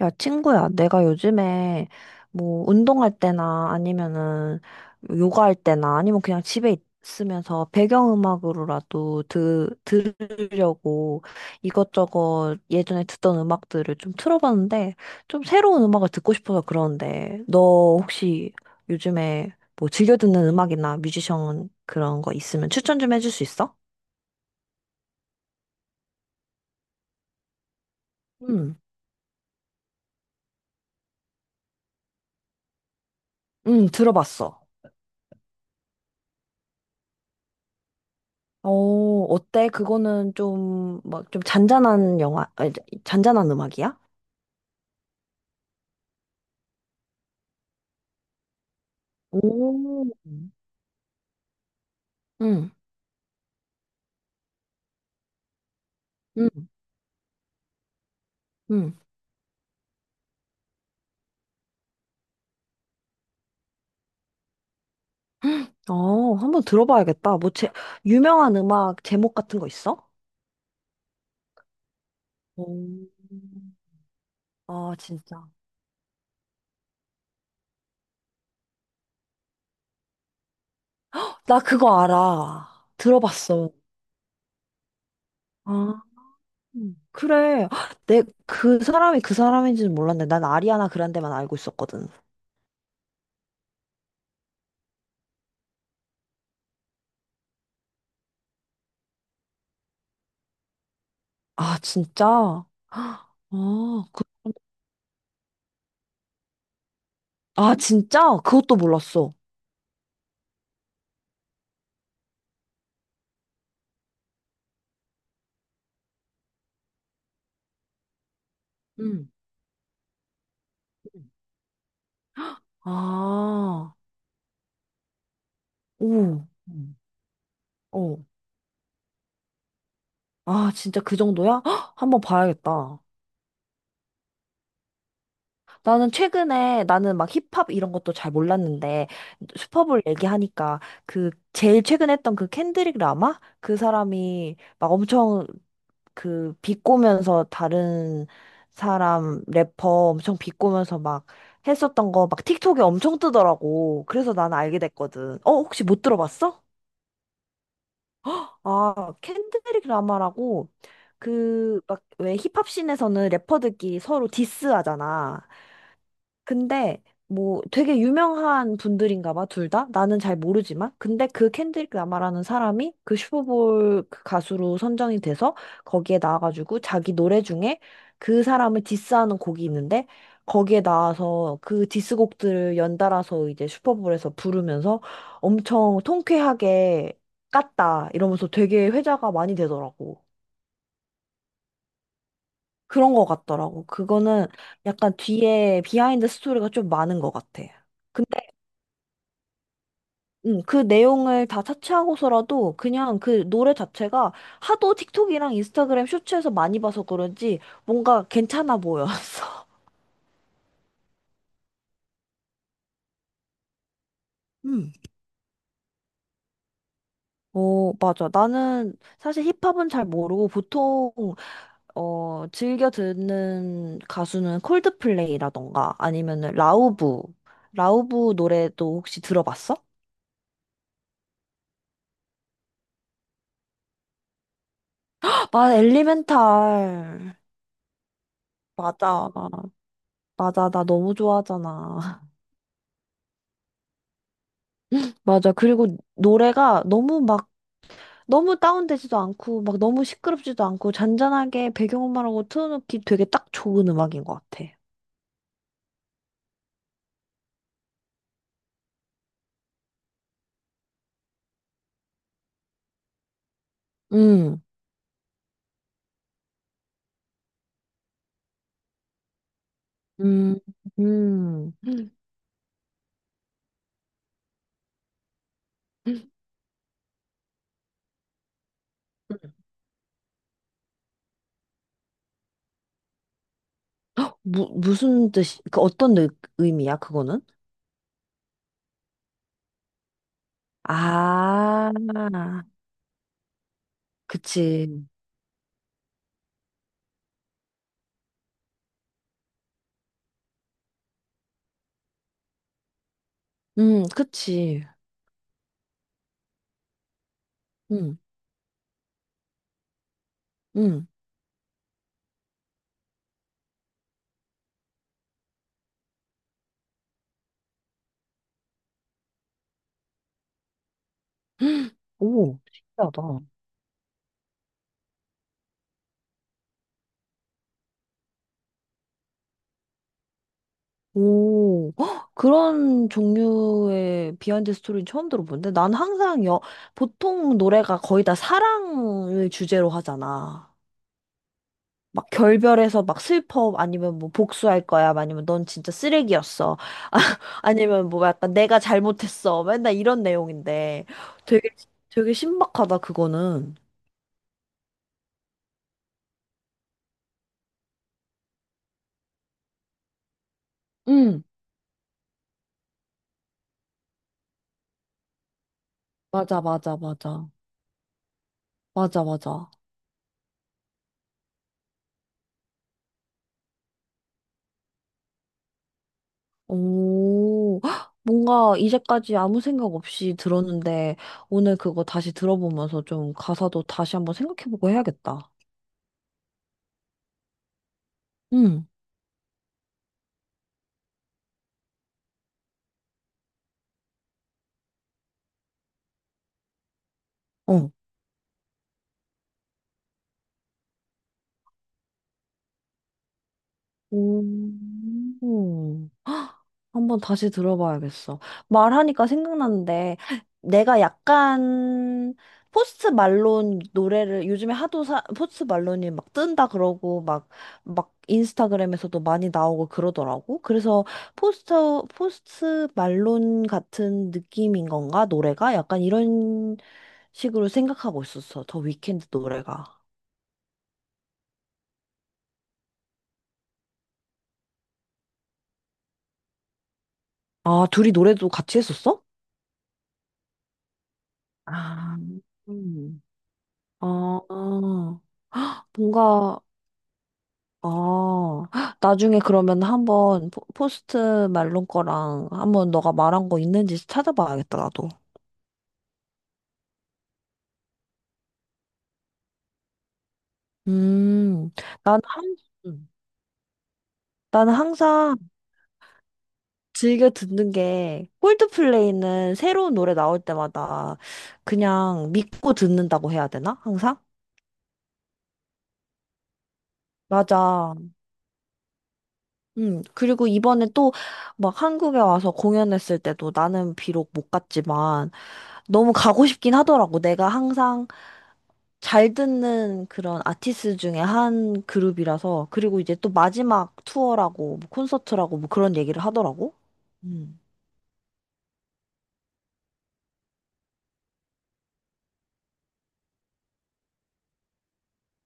야, 친구야, 내가 요즘에 뭐 운동할 때나 아니면은 요가할 때나 아니면 그냥 집에 있으면서 배경음악으로라도 들으려고 이것저것 예전에 듣던 음악들을 좀 틀어봤는데 좀 새로운 음악을 듣고 싶어서 그러는데 너 혹시 요즘에 뭐 즐겨 듣는 음악이나 뮤지션 그런 거 있으면 추천 좀 해줄 수 있어? 응, 응, 들어봤어. 어, 어때? 그거는 좀, 막, 좀 잔잔한 영화, 아니, 잔잔한 음악이야? 오, 응, 응, 응. 어, 한번 들어봐야겠다. 뭐, 유명한 음악 제목 같은 거 있어? 오. 아, 진짜. 나 그거 알아. 들어봤어. 아, 그래. 그 사람이 그 사람인지는 몰랐네. 난 아리아나 그란데만 알고 있었거든. 아, 진짜? 아, 그, 아, 진짜? 그것도 몰랐어. 아, 오, 음. 어. 아, 진짜 그 정도야? 헉, 한번 봐야겠다. 나는 최근에, 나는 막 힙합 이런 것도 잘 몰랐는데, 슈퍼볼 얘기하니까, 그, 제일 최근 했던 그 켄드릭 라마? 그 사람이 막 엄청 그, 비꼬면서 다른 사람, 래퍼 엄청 비꼬면서 막 했었던 거 막 틱톡에 엄청 뜨더라고. 그래서 나는 알게 됐거든. 어, 혹시 못 들어봤어? 아, 켄드릭 라마라고 그 막 왜 힙합씬에서는 래퍼들끼리 서로 디스하잖아. 근데 뭐 되게 유명한 분들인가 봐, 둘 다? 나는 잘 모르지만. 근데 그 켄드릭 라마라는 사람이 그 슈퍼볼 그 가수로 선정이 돼서 거기에 나와가지고 자기 노래 중에 그 사람을 디스하는 곡이 있는데 거기에 나와서 그 디스곡들을 연달아서 이제 슈퍼볼에서 부르면서 엄청 통쾌하게 깠다 이러면서 되게 회자가 많이 되더라고. 그런 거 같더라고. 그거는 약간 뒤에 비하인드 스토리가 좀 많은 것 같아. 그 내용을 다 차치하고서라도 그냥 그 노래 자체가 하도 틱톡이랑 인스타그램 쇼츠에서 많이 봐서 그런지 뭔가 괜찮아 보였어. 음. 어, 맞아. 나는 사실 힙합은 잘 모르고 보통, 어, 즐겨 듣는 가수는 콜드플레이라던가 아니면은 라우브. 라우브 노래도 혹시 들어봤어? 헉, 맞아, 엘리멘탈. 맞아. 맞아. 나 너무 좋아하잖아. 맞아. 그리고 노래가 너무 막 너무 다운되지도 않고, 막 너무 시끄럽지도 않고, 잔잔하게 배경음악으로 틀어놓기 되게 딱 좋은 음악인 것 같아. 음, 음, 음. 음, 음. 무슨 뜻이, 그 어떤 의, 의미야, 그거는? 아, 그치. 그치. 음, 음. 오, 신기하다. 오, 헉, 그런 종류의 비하인드 스토리는 처음 들어보는데 보통 노래가 거의 다 사랑을 주제로 하잖아. 막 결별해서 막 슬퍼 아니면 뭐 복수할 거야 아니면 넌 진짜 쓰레기였어 아, 아니면 뭐 약간 내가 잘못했어 맨날 이런 내용인데 되게 되게 신박하다 그거는. 응, 맞아, 맞아, 맞아, 맞아, 맞아. 오, 헉, 뭔가 이제까지 아무 생각 없이 들었는데 오늘 그거 다시 들어보면서 좀 가사도 다시 한번 생각해보고 해야겠다. 응, 어. 오. 한번 다시 들어봐야겠어. 말하니까 생각났는데, 내가 약간, 포스트 말론 노래를 요즘에 포스트 말론이 막 뜬다 그러고, 막, 막 인스타그램에서도 많이 나오고 그러더라고. 그래서 포스트, 포스트 말론 같은 느낌인 건가? 노래가? 약간 이런 식으로 생각하고 있었어. 더 위켄드 노래가. 아, 둘이 노래도 같이 했었어? 아, 음. 아, 뭔가, 아, 헉, 나중에 그러면 한번 포스트 말론 거랑 한번 너가 말한 거 있는지 찾아봐야겠다, 나도. 음, 난 항, 음. 나는 항상 즐겨 듣는 게 콜드플레이는 새로운 노래 나올 때마다 그냥 믿고 듣는다고 해야 되나? 항상? 맞아. 그리고 이번에 또 막 한국에 와서 공연했을 때도 나는 비록 못 갔지만 너무 가고 싶긴 하더라고. 내가 항상 잘 듣는 그런 아티스트 중에 한 그룹이라서 그리고 이제 또 마지막 투어라고 뭐 콘서트라고 뭐 그런 얘기를 하더라고. 음.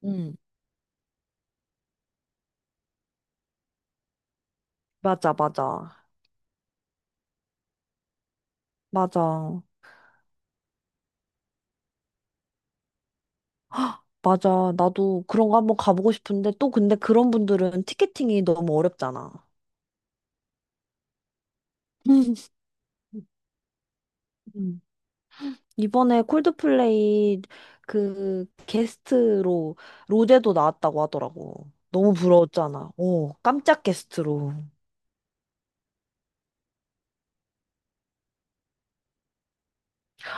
음, 맞아, 맞아. 맞아. 맞아. 나도 그런 거 한번 가보고 싶은데 또 근데 그런 분들은 티켓팅이 너무 어렵잖아. 음. 이번에 콜드플레이 그 게스트로 로제도 나왔다고 하더라고. 너무 부러웠잖아. 오, 깜짝 게스트로.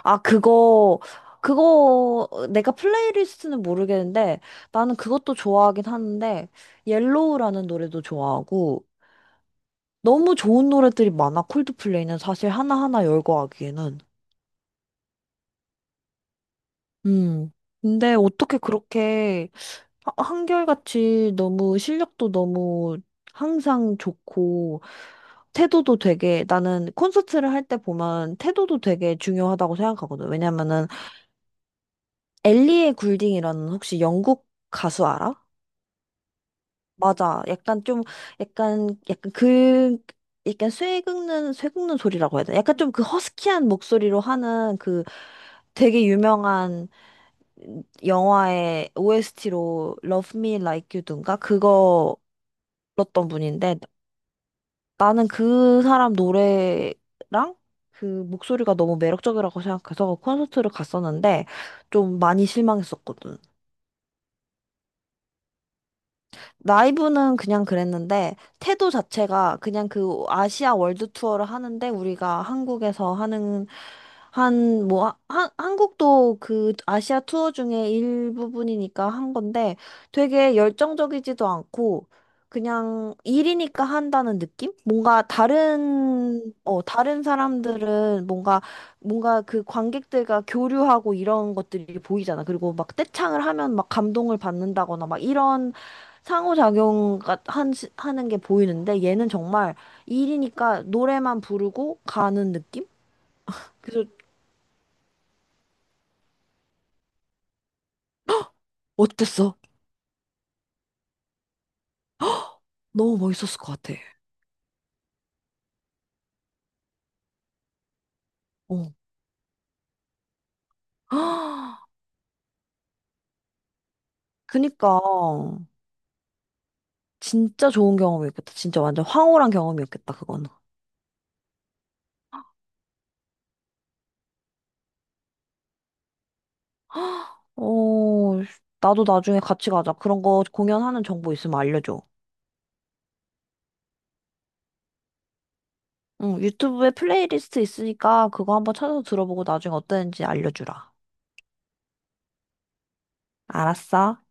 아, 그거, 내가 플레이리스트는 모르겠는데, 나는 그것도 좋아하긴 하는데, 옐로우라는 노래도 좋아하고, 너무 좋은 노래들이 많아, 콜드플레이는 사실 하나하나 열거 하기에는. 음. 근데 어떻게 그렇게 한결같이 너무 실력도 너무 항상 좋고, 태도도 되게, 나는 콘서트를 할 때 보면 태도도 되게 중요하다고 생각하거든. 왜냐면은 엘리의 굴딩이라는 혹시 영국 가수 알아? 맞아. 약간 좀 약간 그 약간 쇠 긁는 소리라고 해야 되나? 약간 좀 그 허스키한 목소리로 하는 그 되게 유명한 영화의 OST로 Love Me Like You 든가 그거 불렀던 분인데 나는 그 사람 노래랑 그 목소리가 너무 매력적이라고 생각해서 콘서트를 갔었는데 좀 많이 실망했었거든. 라이브는 그냥 그랬는데, 태도 자체가 그냥 그 아시아 월드 투어를 하는데, 우리가 한국에서 하는, 한, 뭐, 하- 한, 한국도 그 아시아 투어 중에 일부분이니까 한 건데, 되게 열정적이지도 않고, 그냥 일이니까 한다는 느낌? 뭔가 다른, 어, 다른 사람들은 뭔가, 뭔가 그 관객들과 교류하고 이런 것들이 보이잖아. 그리고 막 떼창을 하면 막 감동을 받는다거나 막 이런 상호작용 가 한, 시- 하는 게 보이는데 얘는 정말 일이니까 노래만 부르고 가는 느낌? 그래서 어땠어? 너무 멋있었을 것 같아. 어. 그니까 진짜 좋은 경험이었겠다. 진짜 완전 황홀한 경험이었겠다, 그거는. 어, 나도 나중에 같이 가자. 그런 거 공연하는 정보 있으면 알려줘. 응, 유튜브에 플레이리스트 있으니까 그거 한번 찾아서 들어보고 나중에 어땠는지 알려주라. 알았어?